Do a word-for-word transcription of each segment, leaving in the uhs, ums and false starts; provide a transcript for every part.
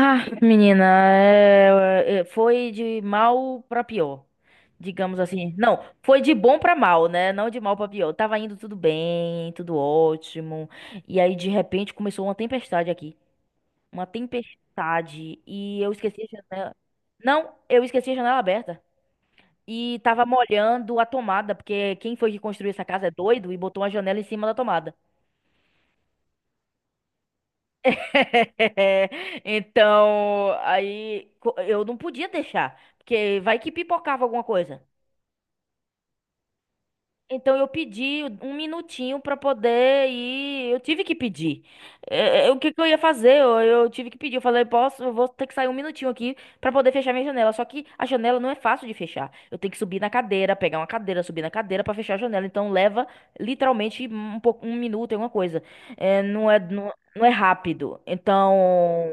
Ah, menina, é, é, foi de mal pra pior, digamos assim. Não, foi de bom pra mal, né? Não de mal pra pior. Tava indo tudo bem, tudo ótimo. E aí, de repente, começou uma tempestade aqui. Uma tempestade. E eu esqueci a janela. Não, eu esqueci a janela aberta. E tava molhando a tomada, porque quem foi que construiu essa casa é doido e botou uma janela em cima da tomada. Então, aí co- eu não podia deixar, porque vai que pipocava alguma coisa. Então eu pedi um minutinho para poder ir. Eu tive que pedir. Eh, eh, O que que eu ia fazer? Eu, eu tive que pedir. Eu falei, posso, eu vou ter que sair um minutinho aqui para poder fechar minha janela. Só que a janela não é fácil de fechar. Eu tenho que subir na cadeira, pegar uma cadeira, subir na cadeira para fechar a janela. Então leva literalmente um pouco, um minuto, alguma coisa. Eh, não é, não, não é rápido. Então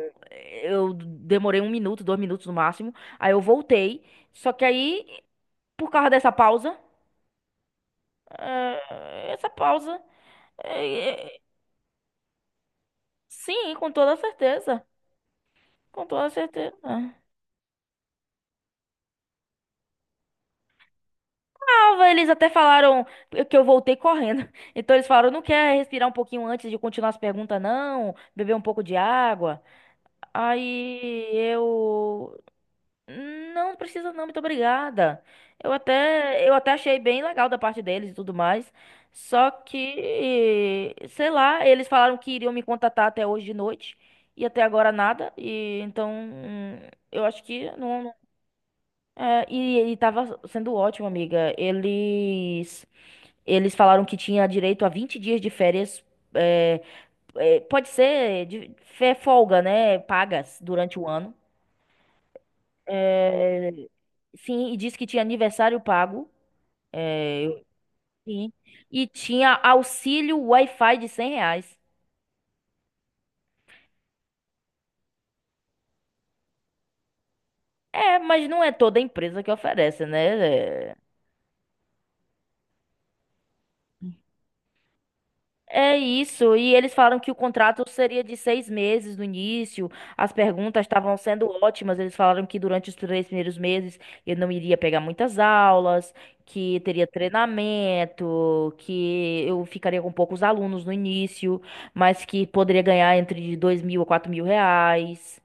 eu demorei um minuto, dois minutos no máximo. Aí eu voltei. Só que aí, por causa dessa pausa é, essa pausa. É, é, sim, com toda certeza. Com toda certeza. Tava, eles até falaram que eu voltei correndo. Então eles falaram: não quer respirar um pouquinho antes de continuar as perguntas, não? Beber um pouco de água. Aí eu. Não precisa não, muito obrigada. Eu até, eu até achei bem legal da parte deles e tudo mais. Só que, sei lá, eles falaram que iriam me contatar até hoje de noite e até agora nada. E então, hum, eu acho que não, não- é, E ele tava sendo ótimo, amiga. Eles eles falaram que tinha direito a vinte dias de férias. é, é, Pode ser de, fe- folga, né? Pagas durante o ano. É, sim, e disse que tinha aniversário pago. é, Sim. E tinha auxílio Wi-Fi de cem reais. É, mas não é toda empresa que oferece, né? É, É isso, e eles falaram que o contrato seria de seis meses no início. As perguntas estavam sendo ótimas. Eles falaram que durante os três primeiros meses eu não iria pegar muitas aulas, que teria treinamento, que eu ficaria com poucos alunos no início, mas que poderia ganhar entre dois mil a quatro mil reais.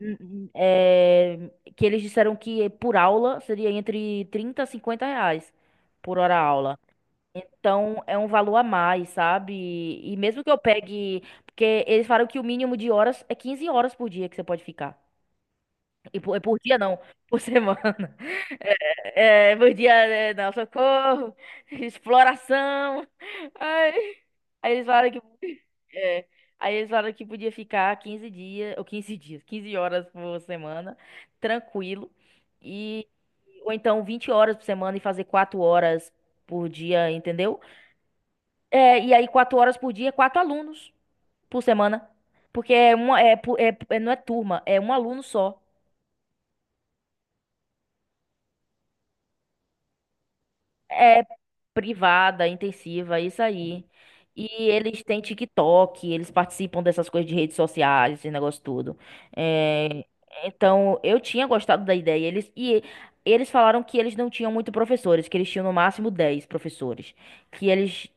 Hum, hum, é, que eles disseram que por aula seria entre trinta a cinquenta reais por hora aula. Então, é um valor a mais, sabe? E mesmo que eu pegue. Porque eles falaram que o mínimo de horas é quinze horas por dia que você pode ficar. E por, é por dia não, por semana. É, é, por dia, é, não, socorro, exploração. Ai, aí eles falaram que. é, aí eles falaram que podia ficar quinze dias, ou quinze dias, quinze horas por semana, tranquilo. E, ou então vinte horas por semana e fazer quatro horas por dia, entendeu? É, e aí, quatro horas por dia, quatro alunos por semana. Porque é uma, é, pu- é- é- não é turma, é um aluno só. É privada, intensiva, é isso aí. E eles têm TikTok, eles participam dessas coisas de redes sociais, esse negócio todo. É, então, eu tinha gostado da ideia. Eles, e eles falaram que eles não tinham muito professores, que eles tinham no máximo dez professores. Que eles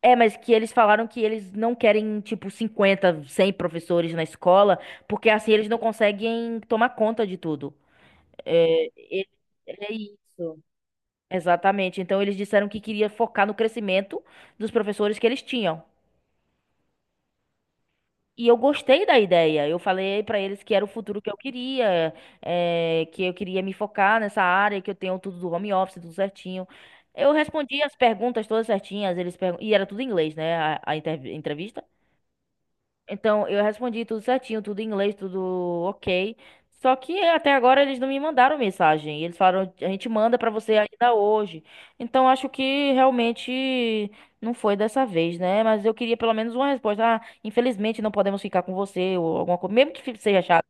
É, mas que eles falaram que eles não querem, tipo, cinquenta, cem professores na escola, porque assim eles não conseguem tomar conta de tudo. É, é, É isso. Exatamente. Então eles disseram que queria focar no crescimento dos professores que eles tinham. E eu gostei da ideia. Eu falei pra eles que era o futuro que eu queria, é, que eu queria me focar nessa área, que eu tenho tudo do home office, tudo certinho. Eu respondi as perguntas todas certinhas, eles pergun- e era tudo em inglês, né? A, a inter- entrevista. Então, eu respondi tudo certinho, tudo em inglês, tudo ok. Só que até agora eles não me mandaram mensagem. Eles falaram, a gente manda pra você ainda hoje. Então, acho que realmente não foi dessa vez, né? Mas eu queria pelo menos uma resposta. Ah, infelizmente não podemos ficar com você ou alguma coisa, mesmo que fi- seja chato.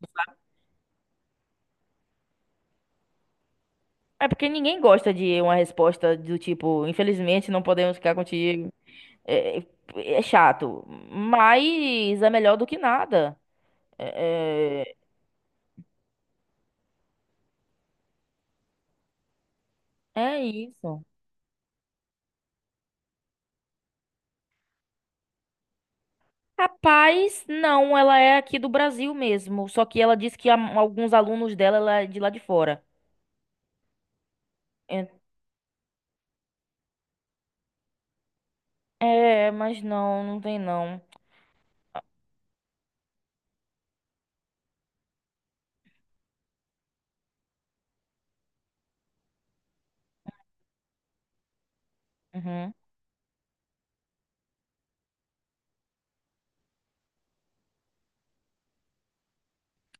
É porque ninguém gosta de uma resposta do tipo, infelizmente não podemos ficar contigo. É, é é chato, mas é melhor do que nada. É, é é isso. Rapaz, não, ela é aqui do Brasil mesmo. Só que ela disse que a- alguns alunos dela ela é de lá de fora. É, é, mas não, não tem não. Uhum.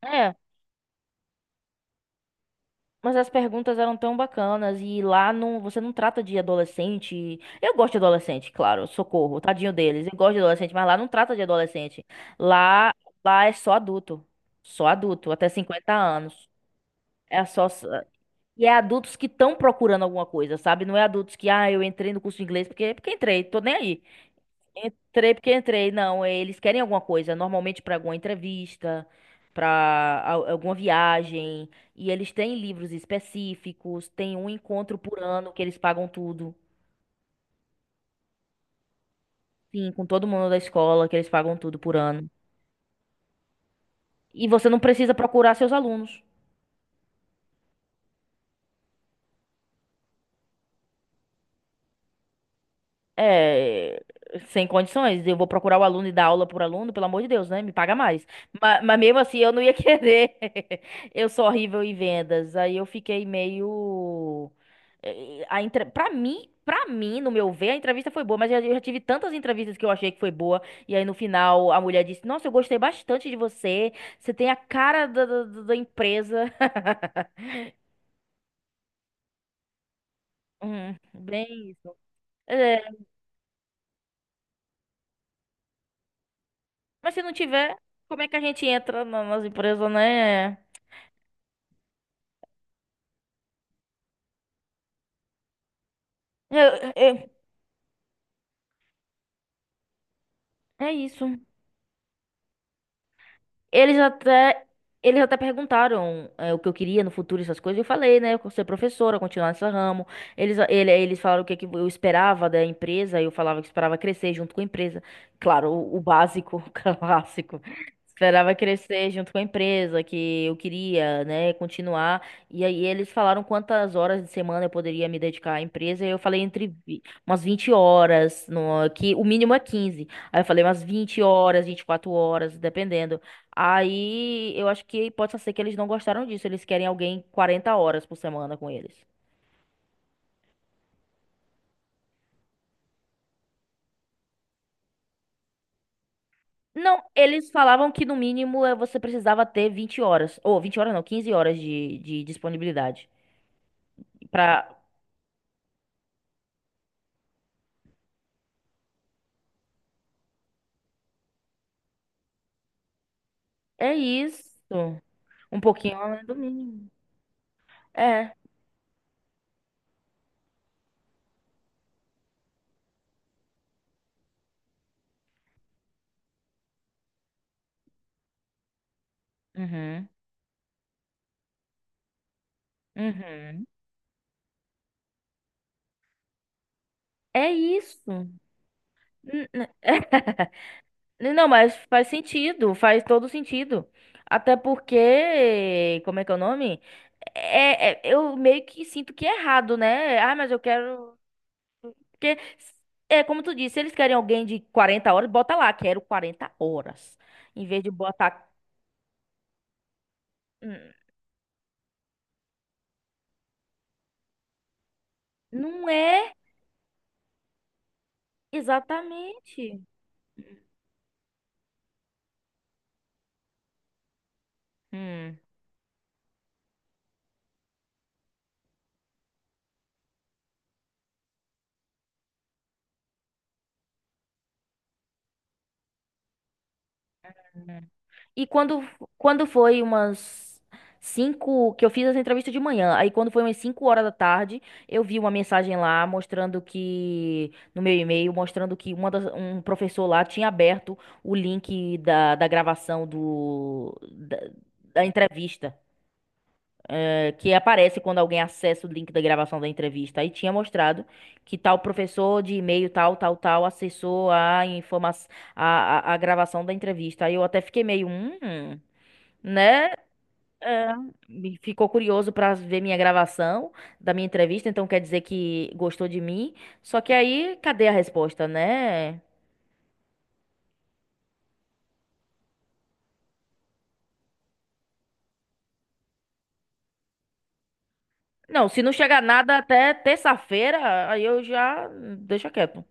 É, mas as perguntas eram tão bacanas e lá não, você não trata de adolescente. Eu gosto de adolescente, claro, socorro, tadinho deles. Eu gosto de adolescente, mas lá não trata de adolescente. Lá, lá é só adulto. Só adulto, até cinquenta anos. É só E é adultos que estão procurando alguma coisa, sabe? Não é adultos que, ah, eu entrei no curso de inglês porque, porque, entrei, tô nem aí. Entrei porque entrei. Não, é, eles querem alguma coisa, normalmente para alguma entrevista, para alguma viagem. E eles têm livros específicos, tem um encontro por ano que eles pagam tudo. Sim, com todo mundo da escola, que eles pagam tudo por ano. E você não precisa procurar seus alunos. É, sem condições. Eu vou procurar o aluno e dar aula por aluno, pelo amor de Deus, né? Me paga mais. Mas, mas mesmo assim, eu não ia querer. Eu sou horrível em vendas. Aí eu fiquei meio. eh, A entre... Pra mim, pra mim, no meu ver, a entrevista foi boa, mas eu já eu já tive tantas entrevistas que eu achei que foi boa. E aí no final a mulher disse: Nossa, eu gostei bastante de você. Você tem a cara da, da da- da empresa. Hum, bem isso. É, mas se não tiver, como é que a gente entra na- nas empresas, né? Eu, eu- É isso. Eles até, eles até perguntaram é, o que eu queria no futuro, essas coisas. Eu falei, né? Eu quero ser professora, continuar nesse ramo. Eles, ele- eles falaram o que, que eu esperava da empresa. Eu falava que esperava crescer junto com a empresa. Claro, o, o básico, o clássico. Esperava crescer junto com a empresa, que eu queria, né, continuar. E aí eles falaram quantas horas de semana eu poderia me dedicar à empresa. E eu falei entre vi- umas vinte horas, no, que o mínimo é quinze. Aí eu falei umas vinte horas, vinte e quatro horas, dependendo. Aí eu acho que pode ser que eles não gostaram disso. Eles querem alguém quarenta horas por semana com eles. Não, eles falavam que no mínimo eh, você precisava ter vinte horas. Ou vinte horas não, quinze horas de, de disponibilidade. Pra... É isso. Um pouquinho além do mínimo. É. Uhum. Uhum. É isso. N- n- Não, mas faz sentido, faz todo sentido. Até porque, como é que é o nome? É, é- eu meio que sinto que é errado, né? Ah, mas eu quero. Porque, é como tu disse, se eles querem alguém de quarenta horas, bota lá, quero quarenta horas. Em vez de botar. Hum, Não é exatamente. Hum. Hum. E quando, quando foi umas cinco que eu fiz essa entrevista de manhã, aí quando foi umas cinco horas da tarde, eu vi uma mensagem lá mostrando que, no meu e-mail, mostrando que uma das- um professor lá tinha aberto o link da, da gravação do, da, da entrevista, eh, que aparece quando alguém acessa o link da gravação da entrevista. Aí tinha mostrado que tal professor de e-mail, tal, tal, tal, acessou a informação, a, a, a gravação da entrevista. Aí eu até fiquei meio, hum né? É, me ficou curioso para ver minha gravação da minha entrevista, então quer dizer que gostou de mim. Só que aí, cadê a resposta, né? Não, se não chegar nada até terça-feira, aí eu já deixa quieto.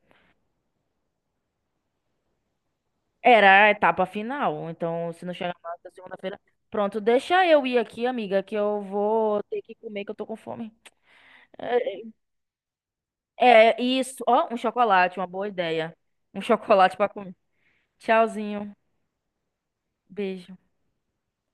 Era a etapa final, então se não chegar nada até segunda-feira, pronto, deixa eu ir aqui, amiga, que eu vou ter que comer, que eu tô com fome. É, é isso, ó, um chocolate, uma boa ideia. Um chocolate para comer. Tchauzinho, beijo.